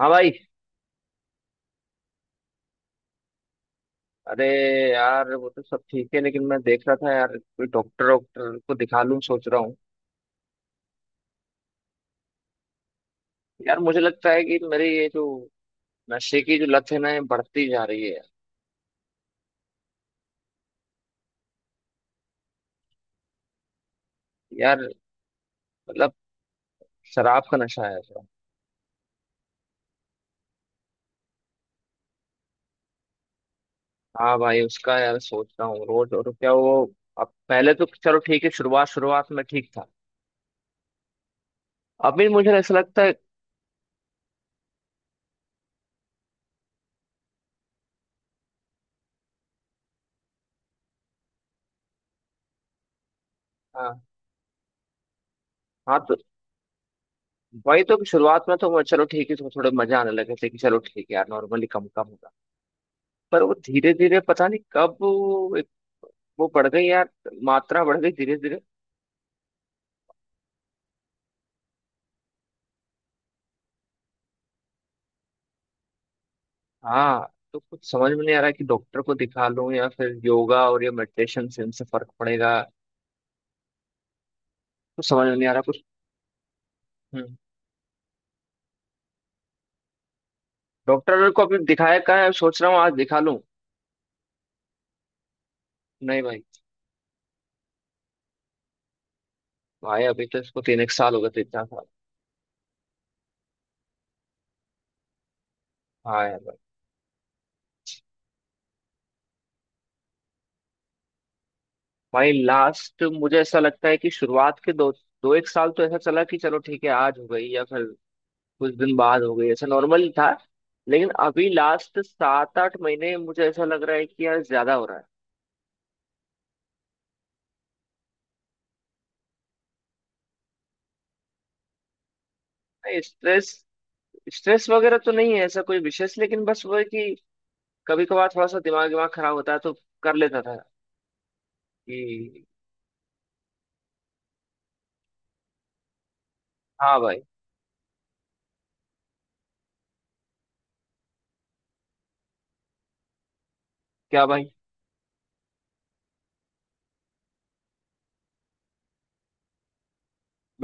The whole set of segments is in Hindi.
हाँ भाई। अरे यार वो तो सब ठीक है लेकिन मैं देख रहा था यार, कोई डॉक्टर डॉक्टर को दिखा लूं सोच रहा हूँ। यार मुझे लगता है कि मेरी ये जो नशे की जो लत है ना, ये बढ़ती जा रही है। यार मतलब शराब का नशा है ऐसा। हाँ भाई उसका यार सोच रहा हूँ रोज और क्या वो। अब पहले तो चलो ठीक है, शुरुआत शुरुआत में ठीक था। अभी मुझे ऐसा लगता है। हाँ। हाँ तो वही तो कि शुरुआत में तो वो चलो ठीक है, तो थोड़े मजा आने लगे थे कि चलो ठीक है यार, नॉर्मली कम कम होगा। पर वो धीरे धीरे पता नहीं कब वो बढ़ गई यार। मात्रा बढ़ गई धीरे धीरे। हाँ तो कुछ समझ में नहीं आ रहा है कि डॉक्टर को दिखा लूं या फिर योगा और ये मेडिटेशन से इनसे फर्क पड़ेगा। कुछ समझ में नहीं आ रहा कुछ। हम्म। डॉक्टर को अभी दिखाया कहाँ है, सोच रहा हूँ आज दिखा लूं। नहीं भाई। भाई अभी तो इसको तीन एक साल हो गए, तीन चार साल। हाँ यार भाई। भाई लास्ट मुझे ऐसा लगता है कि शुरुआत के दो दो एक साल तो ऐसा चला कि चलो ठीक है आज हो गई या फिर कुछ दिन बाद हो गई, ऐसा नॉर्मल था। लेकिन अभी लास्ट सात आठ महीने मुझे ऐसा लग रहा है कि यार ज्यादा हो रहा है। नहीं स्ट्रेस, स्ट्रेस वगैरह तो नहीं है ऐसा कोई विशेष, लेकिन बस वो है कि कभी कभार थोड़ा सा दिमाग दिमाग खराब होता है तो कर लेता था कि। हाँ भाई। क्या भाई।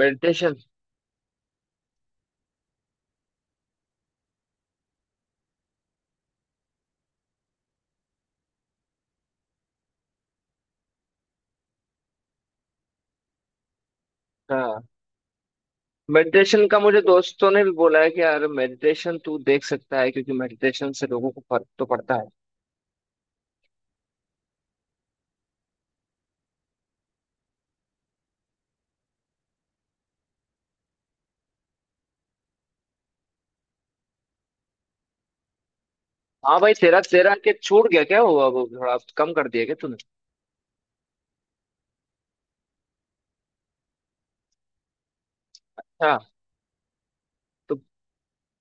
मेडिटेशन। हाँ मेडिटेशन का मुझे दोस्तों ने भी बोला है कि यार मेडिटेशन तू देख सकता है, क्योंकि मेडिटेशन से लोगों को फर्क तो पड़ता है। हाँ भाई तेरा तेरा के छूट गया क्या हुआ, वो थोड़ा कम कर दिया क्या तूने। हाँ। तो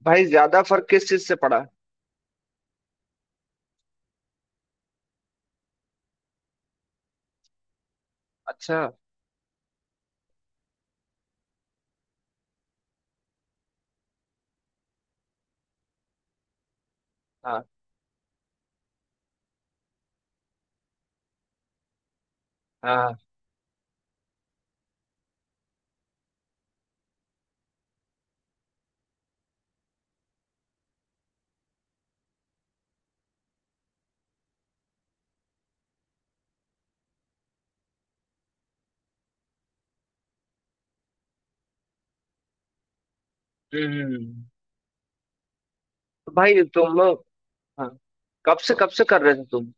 भाई ज्यादा फर्क किस चीज से पड़ा। अच्छा। हाँ हाँ। हम्म। तो भाई तुम लोग, हाँ कब से कर रहे थे तुम।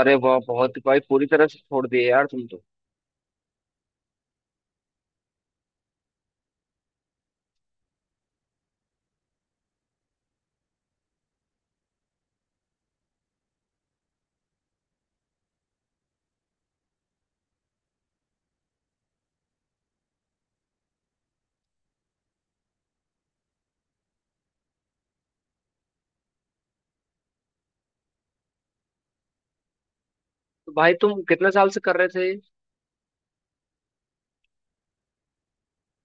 अरे वाह बहुत भाई, पूरी तरह से छोड़ दिए यार तुम तो। तो भाई तुम कितने साल से कर रहे थे।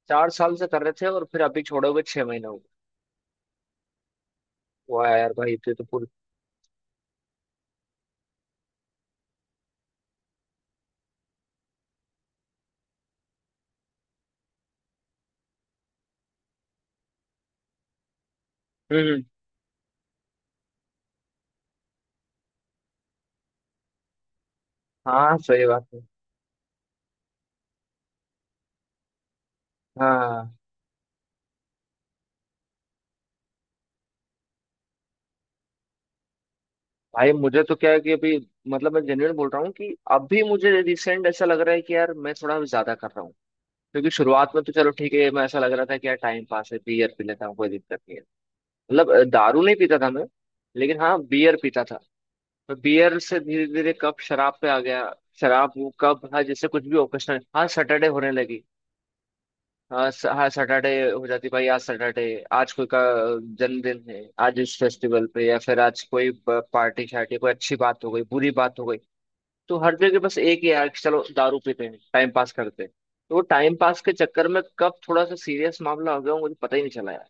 चार साल से कर रहे थे और फिर अभी छोड़े हुए छह महीने हो गए। वाह यार भाई ये तो पूरी। हम्म हम्म, हाँ। सही बात है। हाँ भाई मुझे तो क्या है कि अभी मतलब मैं जेन्युइन बोल रहा हूँ कि अभी मुझे रिसेंट ऐसा लग रहा है कि यार मैं थोड़ा ज्यादा कर रहा हूँ, क्योंकि शुरुआत में तो चलो ठीक है, मैं ऐसा लग रहा था कि यार टाइम पास है बियर पी लेता हूँ कोई दिक्कत नहीं है। मतलब दारू नहीं पीता था मैं, लेकिन हाँ बियर पीता था। बियर से धीरे धीरे कब शराब पे आ गया। शराब वो कब, हाँ जैसे कुछ भी ओकेशनल, हाँ सैटरडे होने लगी। हाँ सैटरडे हो जाती भाई, आज सैटरडे, आज कोई का जन्मदिन है, आज इस फेस्टिवल पे, या फिर आज कोई पार्टी शार्टी, कोई अच्छी बात हो गई बुरी बात हो गई। तो हर जगह बस एक ही यार, कि चलो दारू पीते हैं टाइम पास करते हैं। तो वो टाइम पास के चक्कर में कब थोड़ा सा सीरियस मामला हो गया, वो मुझे पता ही नहीं चला यार।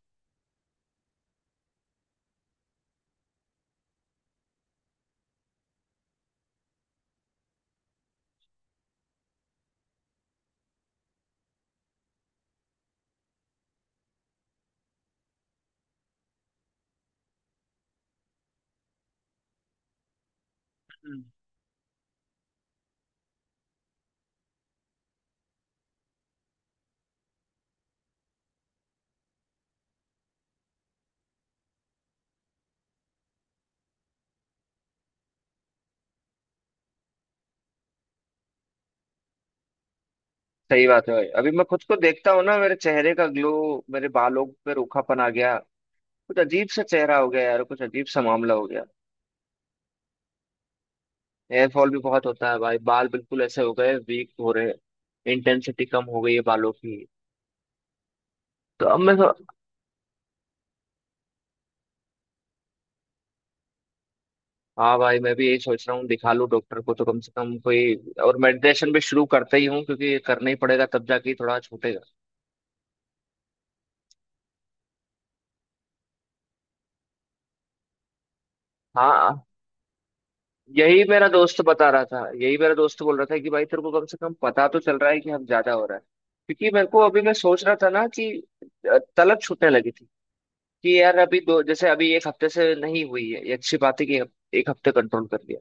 हम्म। सही बात है भाई, अभी मैं खुद को देखता हूँ ना, मेरे चेहरे का ग्लो, मेरे बालों पे रूखापन आ गया, कुछ अजीब सा चेहरा हो गया यार, कुछ अजीब सा मामला हो गया। हेयरफॉल भी बहुत होता है भाई, बाल बिल्कुल ऐसे हो गए, वीक हो रहे। इंटेंसिटी कम हो गई है बालों की। तो अब मैं सो- हाँ भाई मैं भी यही सोच रहा हूँ, दिखा लूँ डॉक्टर को तो कम से कम कोई। और मेडिटेशन भी शुरू करते ही हूँ, क्योंकि ये करना ही पड़ेगा तब जाके थोड़ा छूटेगा। हाँ यही मेरा दोस्त बता रहा था, यही मेरा दोस्त बोल रहा था कि भाई तेरे को कम से कम पता तो चल रहा है कि हम ज्यादा हो रहा है। क्योंकि मेरे को अभी मैं सोच रहा था ना कि तलब छूटने लगी थी, कि यार अभी दो, जैसे अभी एक हफ्ते से नहीं हुई है, ये अच्छी बात है कि एक हफ्ते कंट्रोल कर लिया।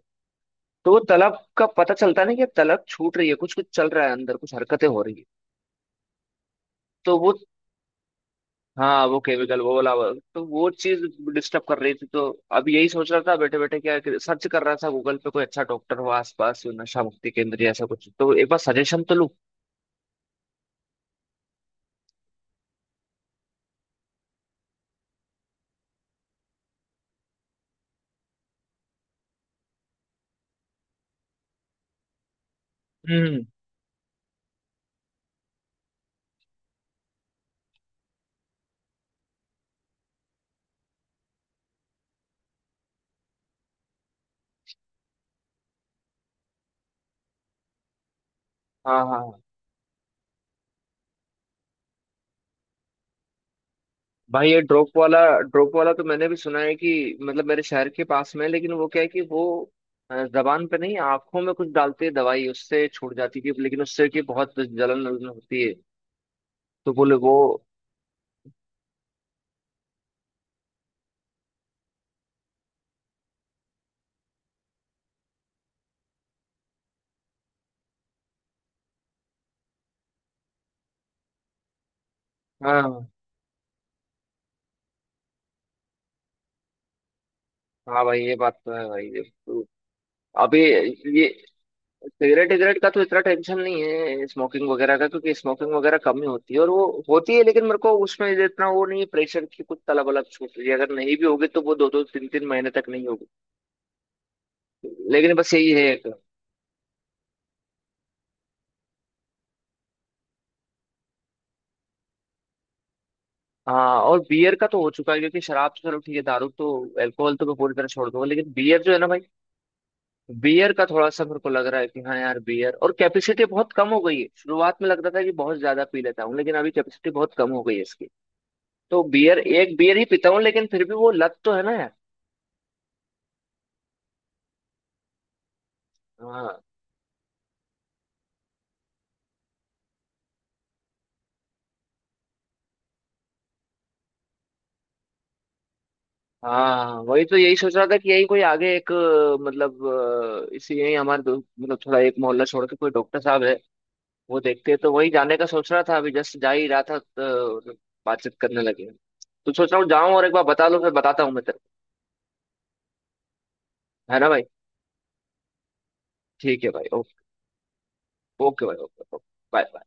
तो वो तलब का पता चलता है ना, कि तलब छूट रही है, कुछ कुछ चल रहा है अंदर, कुछ हरकतें हो रही है। तो वो, हाँ वो केमिकल तो वो चीज डिस्टर्ब कर रही थी। तो अब यही सोच रहा था बैठे बैठे, क्या सर्च कर रहा था गूगल पे कोई अच्छा डॉक्टर हो आसपास, नशा मुक्ति केंद्र या ऐसा कुछ, तो एक बार सजेशन तो लूँ। हम्म। हाँ। हाँ भाई ये ड्रॉप वाला तो मैंने भी सुना है कि मतलब मेरे शहर के पास में है, लेकिन वो क्या है कि वो जबान पे नहीं, आंखों में कुछ डालते हैं दवाई, उससे छूट जाती थी, लेकिन उससे कि बहुत जलन वलन होती है। तो बोले वो। हाँ। हाँ भाई ये बात तो है भाई। तो अभी ये सिगरेट विगरेट का तो इतना टेंशन नहीं है, स्मोकिंग वगैरह का, क्योंकि स्मोकिंग वगैरह कम ही होती है, और वो होती है लेकिन मेरे को उसमें इतना वो नहीं है प्रेशर की, कुछ तलब वलब छूट रही है, अगर नहीं भी होगी तो वो दो दो तीन तीन महीने तक नहीं होगी। लेकिन बस यही है। हाँ और बियर का तो हो चुका है, क्योंकि शराब तो चलो ठीक है, दारू तो, अल्कोहल तो मैं पूरी तरह छोड़ दूंगा, लेकिन बियर जो है ना भाई, बियर का थोड़ा सा मेरे को लग रहा है कि हाँ यार बियर, और कैपेसिटी बहुत कम हो गई है, शुरुआत में लगता था कि बहुत ज्यादा पी लेता हूँ, लेकिन अभी कैपेसिटी बहुत कम हो गई है इसकी। तो बियर, एक बियर ही पीता हूँ, लेकिन फिर भी वो लत तो है ना यार। हाँ हाँ वही तो, यही सोच रहा था कि यही कोई आगे एक इसी यही हमारे मतलब थोड़ा एक मोहल्ला छोड़ के कोई डॉक्टर साहब है, वो देखते हैं, तो वही जाने का सोच रहा था, अभी जस्ट जा ही रहा था तो बातचीत करने लगे। तो सोच रहा हूँ जाऊँ और एक बार बता लूँ, फिर बताता हूँ मैं तेरे को, है ना भाई। ठीक है भाई। ओके। ओके भाई। Okay, okay, bye.